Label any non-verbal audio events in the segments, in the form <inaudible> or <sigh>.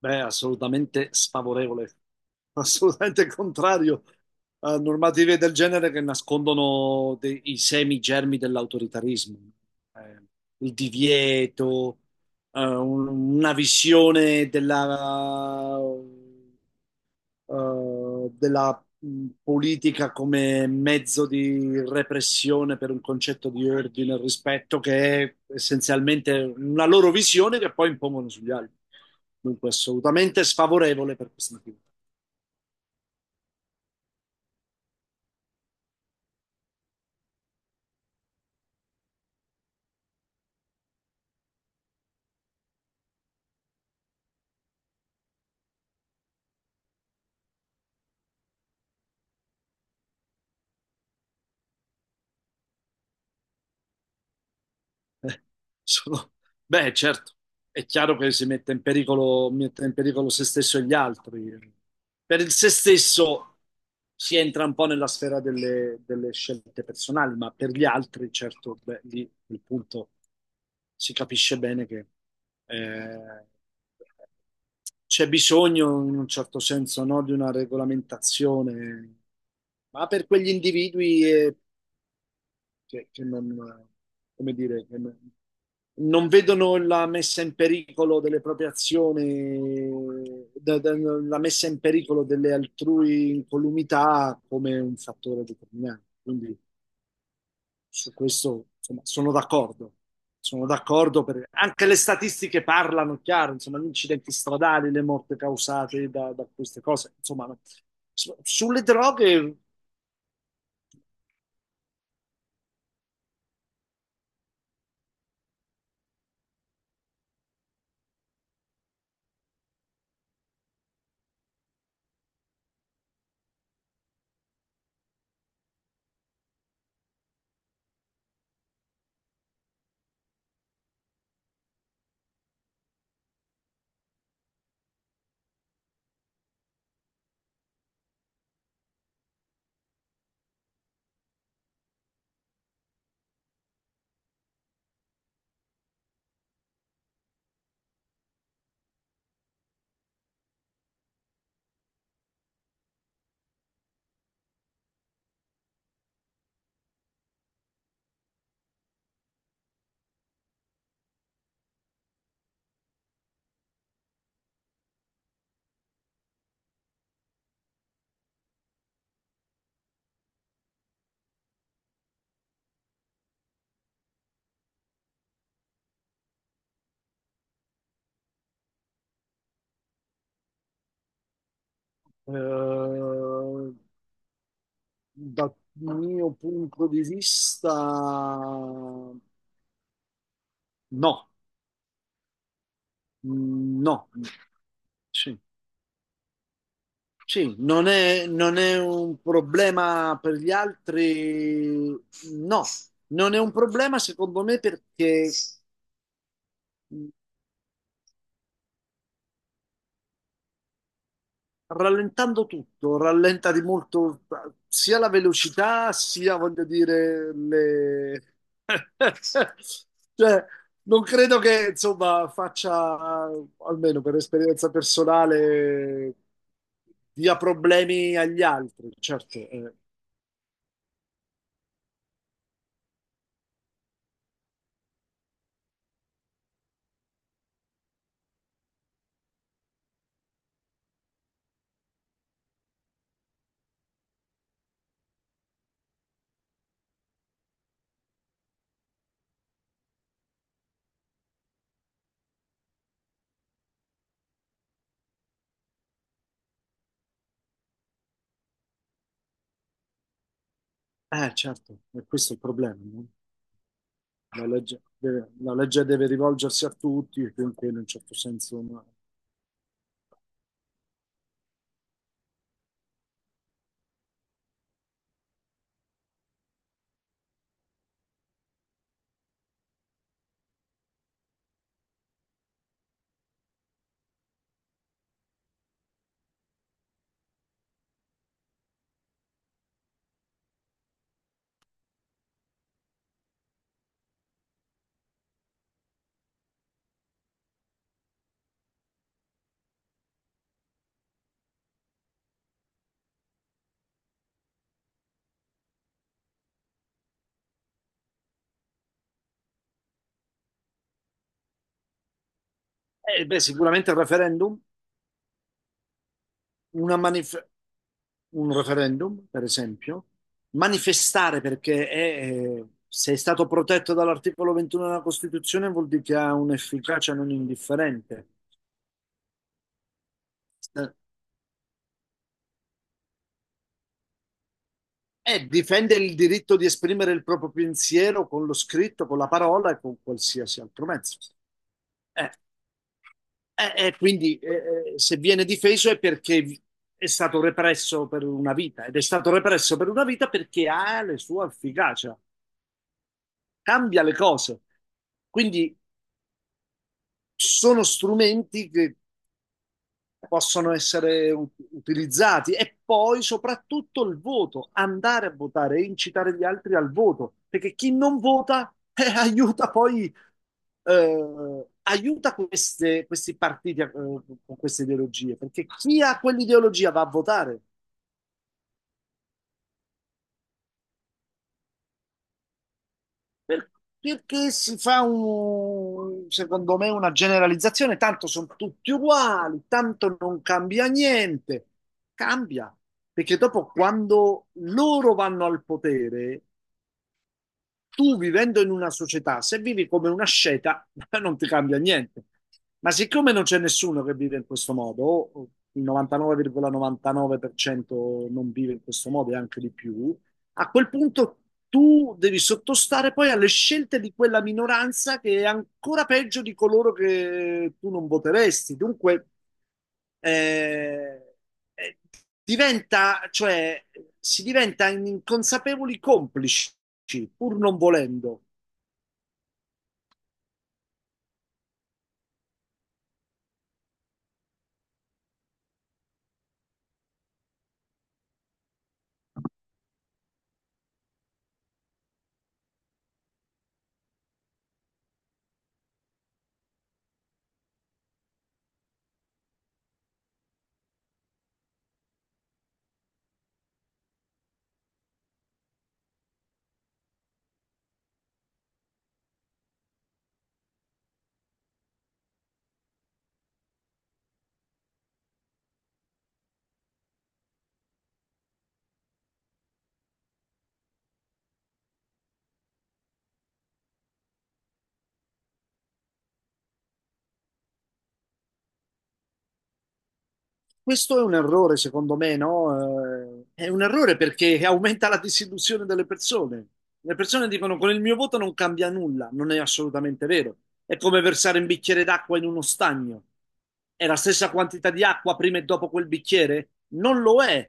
Beh, assolutamente sfavorevole, <laughs> assolutamente contrario a normative del genere che nascondono i semi germi dell'autoritarismo. Eh, il divieto, una visione della politica come mezzo di repressione per un concetto di ordine e rispetto che è essenzialmente una loro visione che poi impongono sugli altri. Dunque, assolutamente sfavorevole per questo motivo. <laughs> Eh, sono- Beh, certo, è chiaro che si mette in pericolo se stesso e gli altri. Per il se stesso si entra un po' nella sfera delle, delle scelte personali, ma per gli altri, certo, beh, lì il punto si capisce bene che eh, c'è bisogno, in un certo senso, no, di una regolamentazione, ma per quegli individui e che non, come dire, che non vedono la messa in pericolo delle proprie azioni, la messa in pericolo delle altrui incolumità come un fattore determinante. Quindi su questo, insomma, sono d'accordo. Sono d'accordo perché anche le statistiche parlano chiaro, insomma, gli incidenti stradali, le morte causate da queste cose, insomma, no. Sulle droghe, eh, dal mio punto di vista, no. Mm, no. Sì, sì, non è un problema per gli altri, no, non è un problema secondo me perché rallentando tutto, rallenta di molto sia la velocità, sia voglio dire le... <laughs> Cioè, non credo che insomma faccia, almeno per esperienza personale, dia problemi agli altri. Certo, certo, e questo è il problema, no? La legge deve rivolgersi a tutti, e quindi in un certo senso... no. Beh, sicuramente il referendum, una manifestazione. Un referendum, per esempio, manifestare perché è, se è stato protetto dall'articolo 21 della Costituzione vuol dire che ha un'efficacia non indifferente. E difende il diritto di esprimere il proprio pensiero con lo scritto, con la parola e con qualsiasi altro mezzo. Eh, quindi se viene difeso è perché è stato represso per una vita ed è stato represso per una vita perché ha la sua efficacia, cambia le cose. Quindi sono strumenti che possono essere utilizzati e poi soprattutto il voto, andare a votare e incitare gli altri al voto, perché chi non vota <laughs> aiuta poi questi partiti con queste ideologie, perché chi ha quell'ideologia va a votare. Per- Perché si fa un, secondo me, una generalizzazione, tanto sono tutti uguali, tanto non cambia niente. Cambia, perché dopo quando loro vanno al potere, tu vivendo in una società, se vivi come una sceta, <laughs> non ti cambia niente. Ma siccome non c'è nessuno che vive in questo modo, o il 99,99% non vive in questo modo e anche di più, a quel punto tu devi sottostare poi alle scelte di quella minoranza che è ancora peggio di coloro che tu non voteresti. Dunque, eh, eh, cioè, si diventa inconsapevoli complici, pur non volendo. Questo è un errore, secondo me, no? È un errore perché <laughs> aumenta la disillusione delle persone. Le persone dicono con il mio voto non cambia nulla, non è assolutamente vero. È come versare un bicchiere d'acqua in uno stagno. È la stessa quantità di acqua prima e dopo quel bicchiere? Non lo è,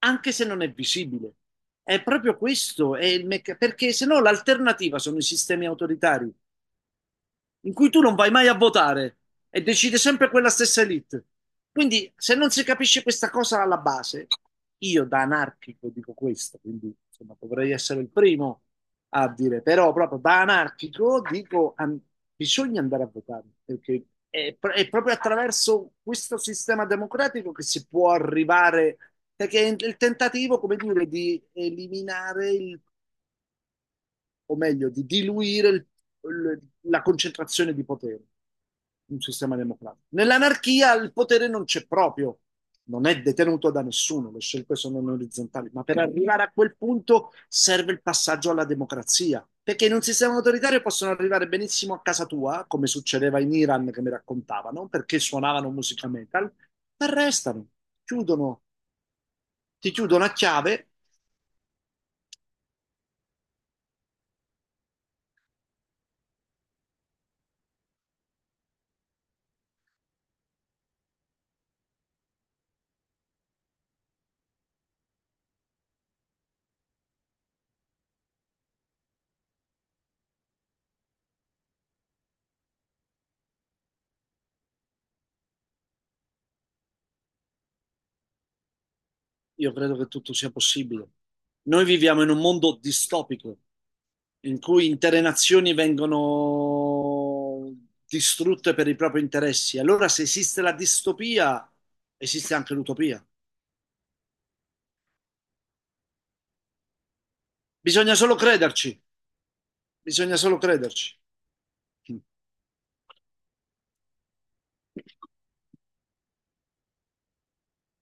anche se non è visibile. È proprio questo, perché se no l'alternativa sono i sistemi autoritari in cui tu non vai mai a votare e decide sempre quella stessa elite. Quindi, se non si capisce questa cosa alla base, io da anarchico dico questo, quindi insomma, dovrei essere il primo a dire, però proprio da anarchico dico bisogna andare a votare, perché è proprio attraverso questo sistema democratico che si può arrivare, perché è il tentativo, come dire, di eliminare il o meglio, di diluire la concentrazione di potere in un sistema democratico. Nell'anarchia il potere non c'è proprio, non è detenuto da nessuno, le scelte sono non orizzontali, ma per arrivare a quel punto serve il passaggio alla democrazia, perché in un sistema autoritario possono arrivare benissimo a casa tua, come succedeva in Iran che mi raccontavano, perché suonavano musica metal, ti arrestano, chiudono, ti chiudono a chiave. Io credo che tutto sia possibile. Noi viviamo in un mondo distopico in cui intere nazioni vengono distrutte per i propri interessi. Allora, se esiste la distopia, esiste anche l'utopia. Bisogna solo crederci, bisogna solo crederci.